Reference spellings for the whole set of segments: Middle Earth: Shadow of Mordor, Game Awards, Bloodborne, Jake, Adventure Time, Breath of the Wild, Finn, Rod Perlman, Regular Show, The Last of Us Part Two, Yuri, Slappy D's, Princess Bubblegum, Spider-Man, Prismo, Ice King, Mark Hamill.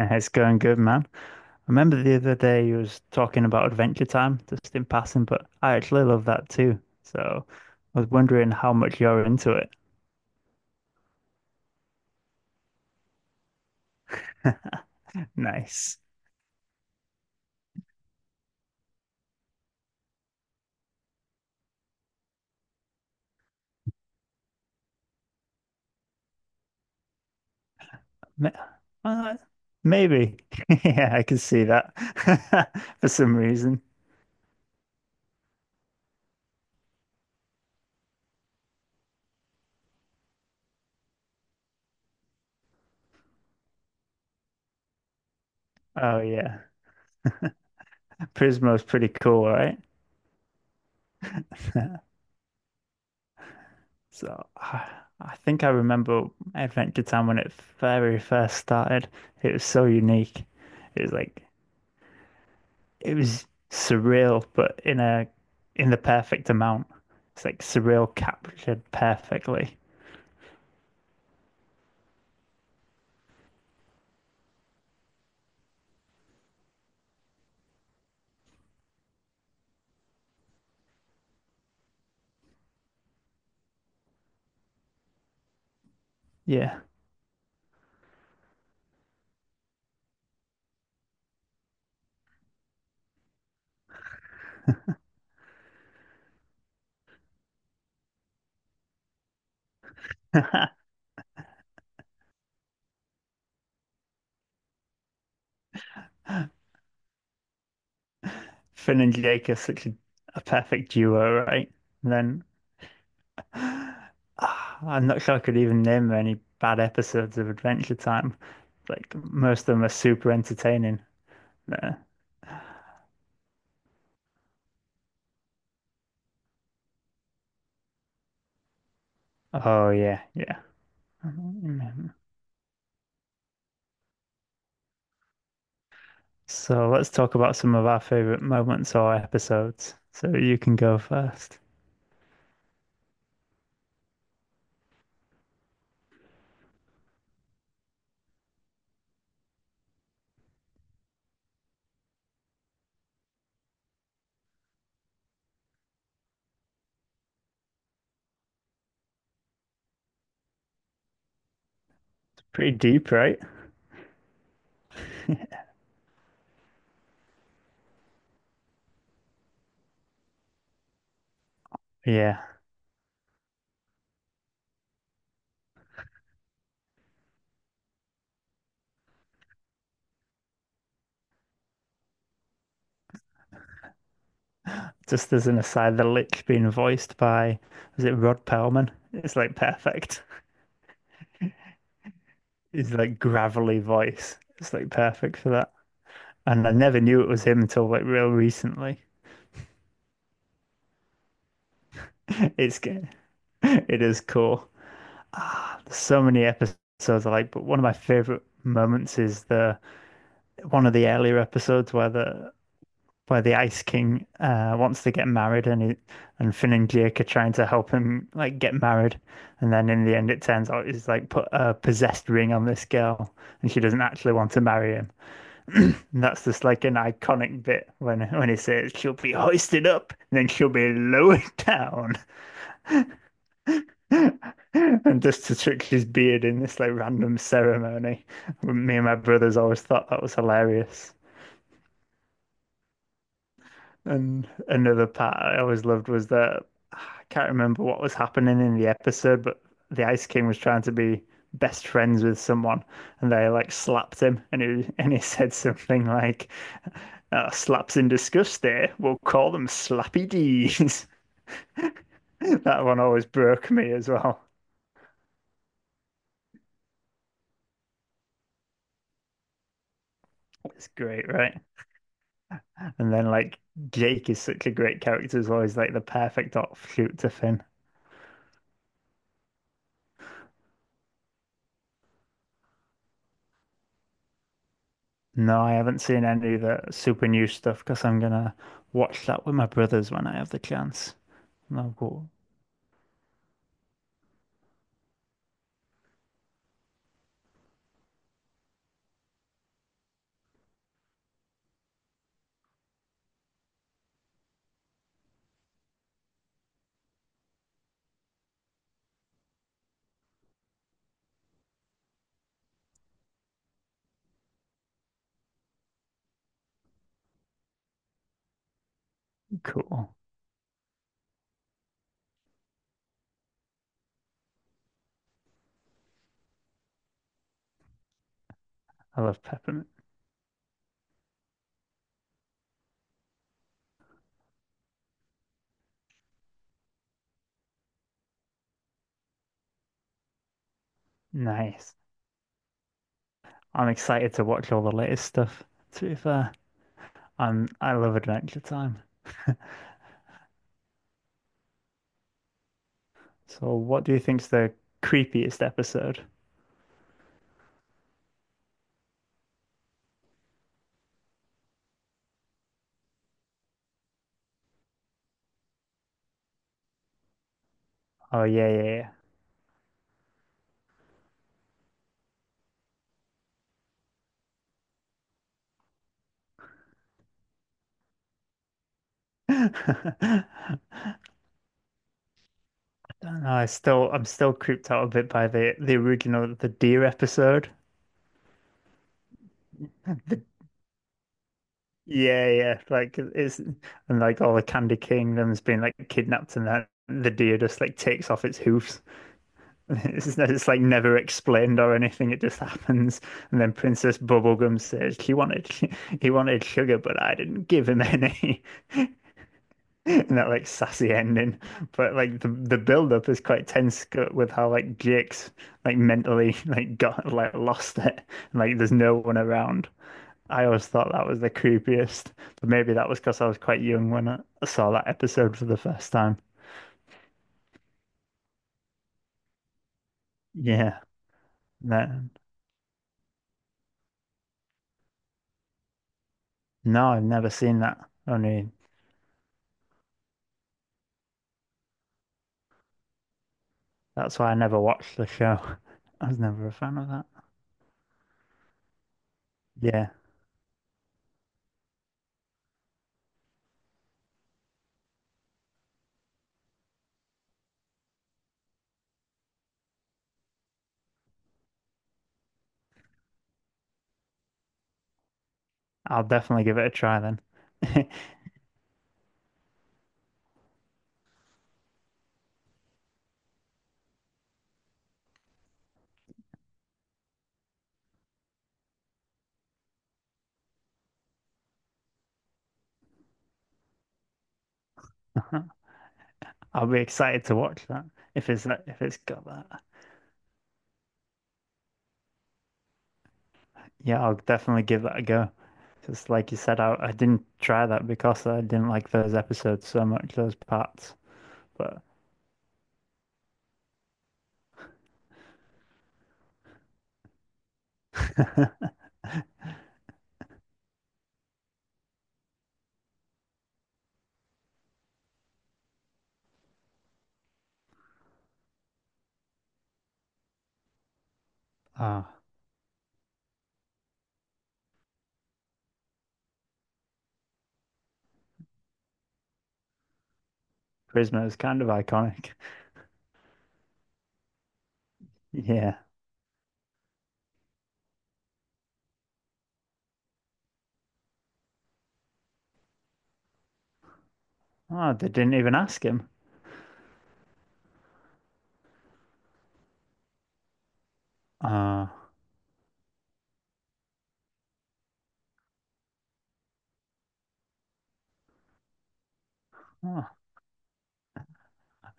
Yeah, it's going good, man. I remember the other day you was talking about Adventure Time just in passing, but I actually love that too. So I was wondering how much you're into it. Nice. Ma- uh, Maybe. Yeah, I can see that for some reason. Oh yeah, Prismo's pretty cool, right? So I think I remember Adventure Time when it very first started. It was so unique. It was like it was surreal, but in the perfect amount. It's like surreal captured perfectly. Yeah. Finn and Jake are such a perfect duo, right? And then ah, I'm not sure I could even name any bad episodes of Adventure Time. Like most of them are super entertaining. Uh, oh yeah, yeah. So let's talk about some of our favorite moments or episodes. So you can go first. It's pretty deep, right? Yeah, just as an aside, the lick being voiced by, was it Rod Perlman? It's like perfect. His like gravelly voice. It's like perfect for that. And I never knew it was him until like real recently. It's g- it is cool. Ah, there's so many episodes I like, but one of my favorite moments is the one of the earlier episodes where the Ice King wants to get married, and and Finn and Jake are trying to help him like get married, and then in the end it turns out he's like put a possessed ring on this girl, and she doesn't actually want to marry him. And that's just like an iconic bit when he says she'll be hoisted up, and then she'll be lowered down, and just to trick his beard in this like random ceremony. Me and my brothers always thought that was hilarious. And another part I always loved was that I can't remember what was happening in the episode, but the Ice King was trying to be best friends with someone, and they like slapped him, and he said something like, oh, "Slaps in disgust. There, we'll call them Slappy D's." That one always broke me as well. It's great, right? And then like Jake is such a great character as well. He's like the perfect offshoot to Finn. No, I haven't seen any of the super new stuff because I'm gonna watch that with my brothers when I have the chance. And I'll go, cool. I love peppermint. Nice. I'm excited to watch all the latest stuff. To be fair, I love Adventure Time. So, what do you think's the creepiest episode? Oh yeah, yeah, yeah. I don't know. I'm still creeped out a bit by the original the deer episode. Yeah, yeah. Like it's and like all the Candy Kingdom's been like kidnapped and that the deer just like takes off its hoofs. It's like never explained or anything. It just happens. And then Princess Bubblegum says he wanted he wanted sugar, but I didn't give him any. And that like sassy ending. But like the build up is quite tense with how like Jake's like mentally like got like lost it. Like there's no one around. I always thought that was the creepiest, but maybe that was because I was quite young when I saw that episode for the first time. Yeah, no, no, I've never seen that. Only that's why I never watched the show. I was never a fan of that. Yeah, I'll definitely give it a try then. I'll be excited to watch that if it's got that. Yeah, I'll definitely give that a go. Because, like you said, I didn't try that because I didn't like those episodes so much, those parts. But ah, Prisma is kind of iconic. Yeah. Oh, they didn't even ask him. Oh, oh,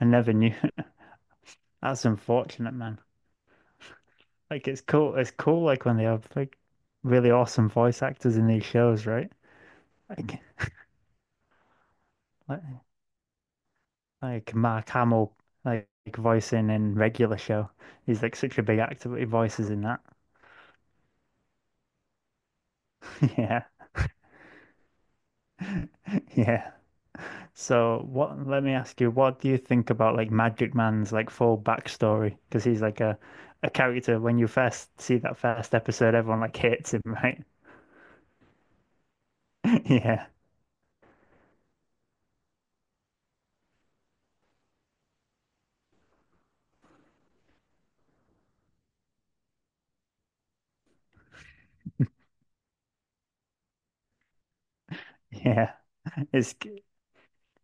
I never knew. That's unfortunate, man. Like it's cool. It's cool, like when they have like really awesome voice actors in these shows, right? Like, like, like Mark Hamill, like voicing in Regular Show. He's like such a big actor, but he voices in that. Yeah, yeah. So let me ask you, what do you think about like Magic Man's like full backstory? Because he's like a character when you first see that first episode, everyone like hates him, right? Yeah, yeah. It's g-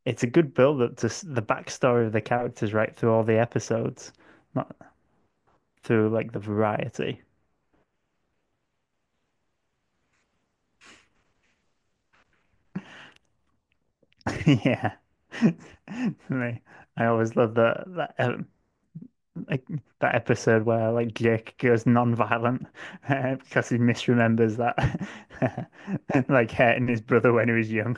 it's a good build up to the backstory of the characters right through all the episodes, not through like the variety. Yeah. I I always love that like that episode where like Jake goes non-violent because he misremembers that like hurting his brother when he was young.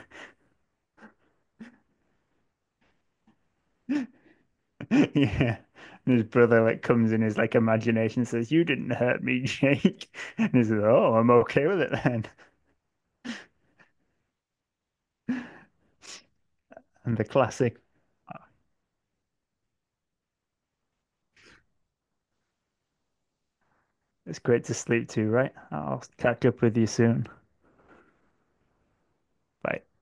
Yeah. And his brother like comes in his like imagination and says, "You didn't hurt me, Jake." And he says, "Oh, I'm okay with it then." And the classic, it's great to sleep to, right? I'll catch up with you soon. Bye.